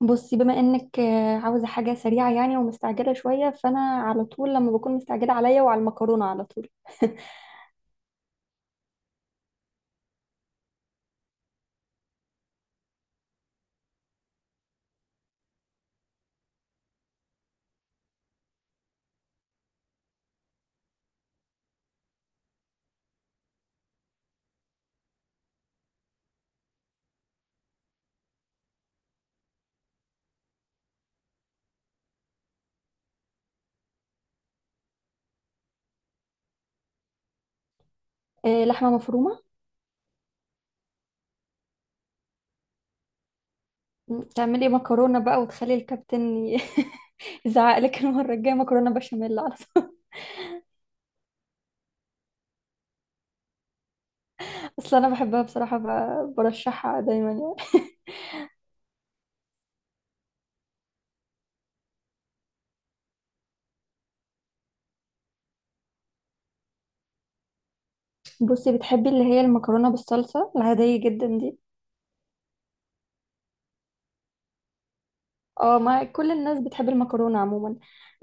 بصي بما انك عاوزه حاجه سريعه يعني ومستعجله شويه، فانا على طول لما بكون مستعجله عليا وعلى المكرونه على طول. لحمه مفرومه؟ تعملي مكرونه بقى وتخلي الكابتن يزعق لك المره الجايه. مكرونه بشاميل على طول. اصل انا بحبها بصراحه، برشحها دايما يعني. بصي، بتحبي اللي هي المكرونه بالصلصه العاديه جدا دي. اه، ما كل الناس بتحب المكرونة عموما.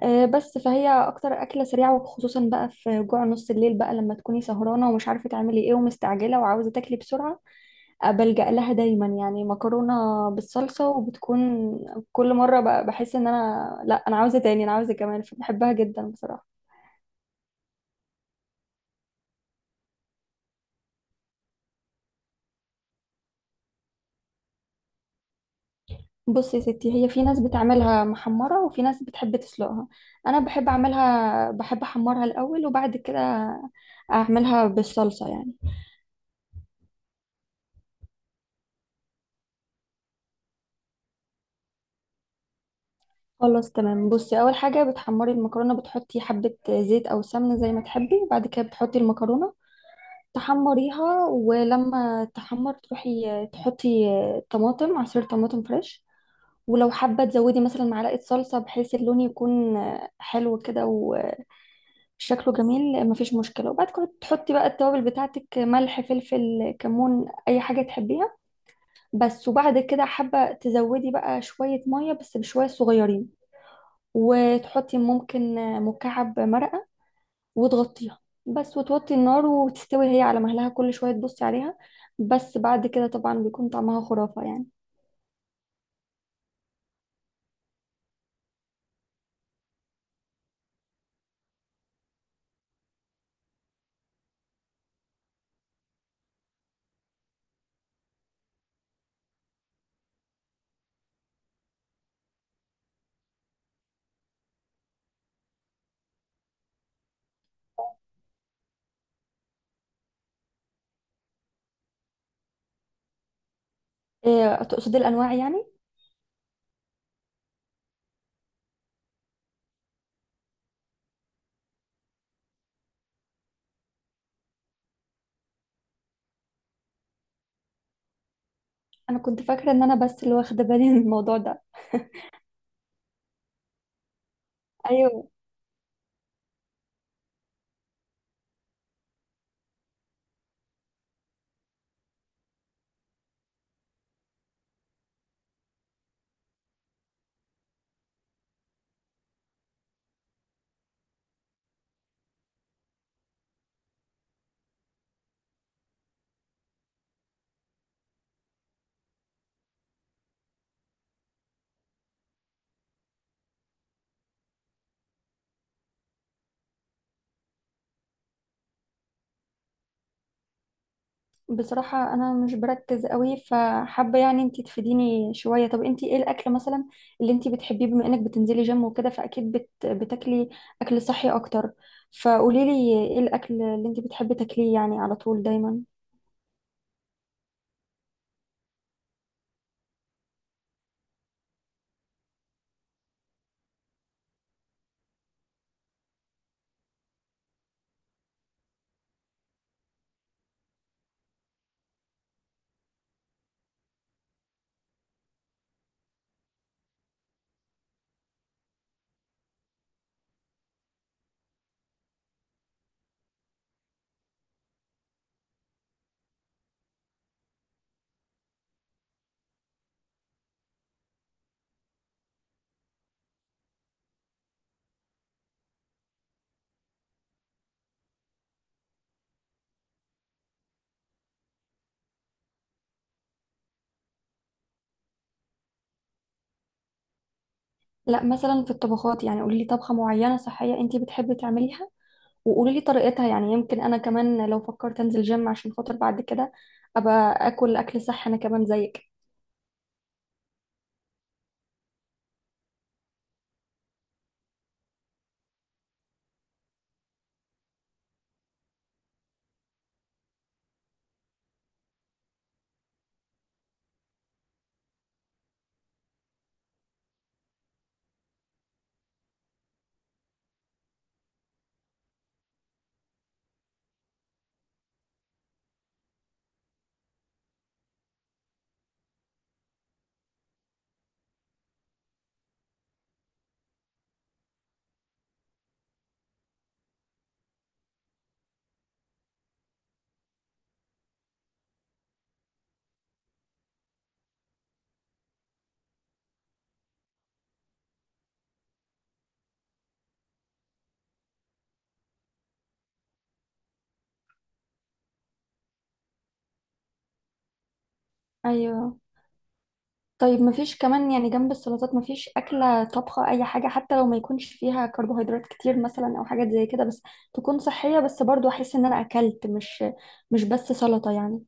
بس فهي اكتر اكلة سريعة، وخصوصا بقى في جوع نص الليل بقى لما تكوني سهرانة ومش عارفة تعملي ايه ومستعجلة وعاوزة تاكلي بسرعة. بلجأ لها دايما يعني. مكرونة بالصلصة. وبتكون كل مرة بقى بحس ان انا لا، انا عاوزة تاني، انا عاوزة كمان، فبحبها جدا بصراحة. بصي يا ستي، هي في ناس بتعملها محمرة وفي ناس بتحب تسلقها. انا بحب اعملها، بحب احمرها الاول وبعد كده اعملها بالصلصة يعني. خلاص تمام، بصي، اول حاجه بتحمري المكرونه، بتحطي حبه زيت او سمنه زي ما تحبي، بعد كده بتحطي المكرونه تحمريها، ولما تحمر تروحي تحطي طماطم، عصير طماطم فريش. ولو حابه تزودي مثلا معلقه صلصه بحيث اللون يكون حلو كده وشكله جميل، مفيش مشكله. وبعد كده تحطي بقى التوابل بتاعتك، ملح فلفل كمون اي حاجه تحبيها. بس. وبعد كده حابه تزودي بقى شويه ميه، بس بشويه صغيرين، وتحطي ممكن مكعب مرقة وتغطيها. بس وتوطي النار وتستوي هي على مهلها، كل شوية تبصي عليها. بس بعد كده طبعا بيكون طعمها خرافة يعني. إيه، تقصدي الأنواع يعني؟ أنا كنت فاكرة إن أنا بس اللي واخدة بالي من الموضوع ده. أيوه. بصراحة أنا مش بركز قوي، فحابة يعني أنتي تفيديني شوية. طب أنتي إيه الأكل مثلا اللي أنتي بتحبيه، بما إنك بتنزلي جيم وكده فأكيد بتاكلي أكل صحي أكتر. فقوليلي إيه الأكل اللي أنتي بتحبي تاكليه يعني على طول دايما. لا، مثلا في الطبخات، يعني قولي لي طبخة معينة صحية انتي بتحبي تعمليها، وقولي لي طريقتها، يعني يمكن انا كمان لو فكرت انزل جيم عشان خاطر بعد كده ابقى اكل اكل صح انا كمان زيك. ايوه. طيب مفيش كمان يعني جنب السلطات مفيش أكلة، طبخة، أي حاجة حتى لو ما يكونش فيها كربوهيدرات كتير مثلا أو حاجات زي كده، بس تكون صحية، بس برضو أحس إن أنا أكلت، مش بس سلطة يعني.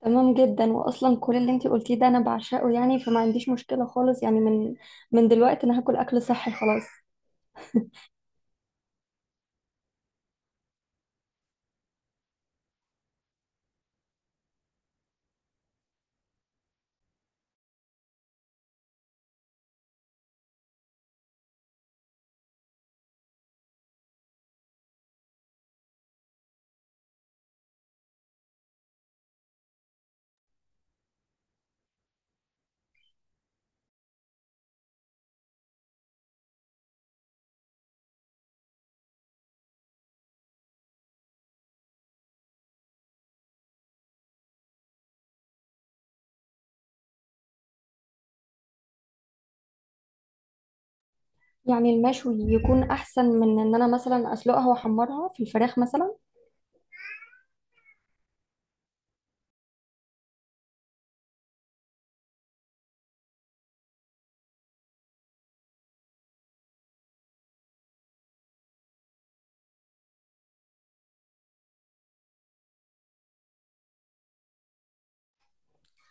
تمام جدا، واصلا كل اللي انتي قلتيه ده انا بعشقه يعني، فما عنديش مشكله خالص يعني. من دلوقتي انا هاكل اكل صحي خلاص. يعني المشوي يكون احسن من ان انا مثلا اسلقها واحمرها في الفراخ مثلا؟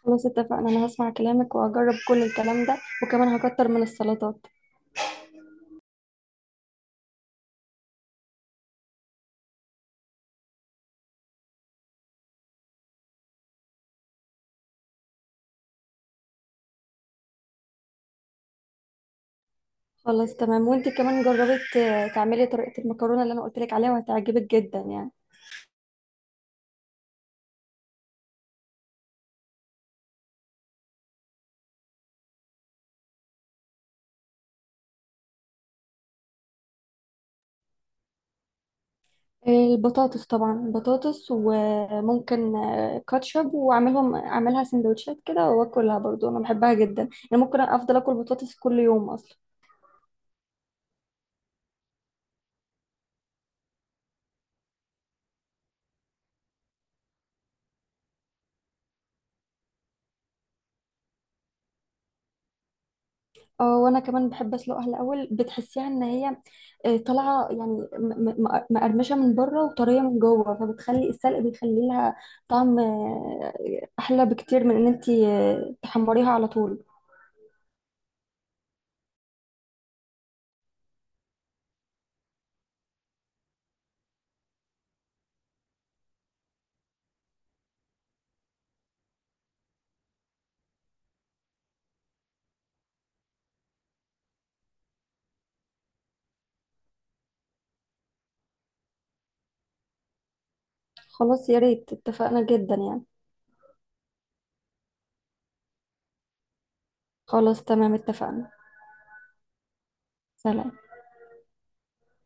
خلاص اتفقنا، انا هسمع كلامك وهجرب كل الكلام ده، وكمان هكتر من السلطات. خلاص تمام. وانتي كمان جربت تعملي طريقه المكرونه اللي انا قلت لك عليها، وهتعجبك جدا يعني. البطاطس، طبعا بطاطس، وممكن كاتشب، واعملهم اعملها سندوتشات كده واكلها، برضو انا بحبها جدا، انا ممكن افضل اكل بطاطس كل يوم اصلا. اه وانا كمان بحب اسلقها الاول، بتحسيها ان هي طالعه يعني مقرمشه من بره وطريه من جوه، فبتخلي السلق بيخلي لها طعم احلى بكتير من ان انتي تحمريها على طول. خلاص يا ريت، اتفقنا جدا يعني. خلاص تمام اتفقنا. سلام.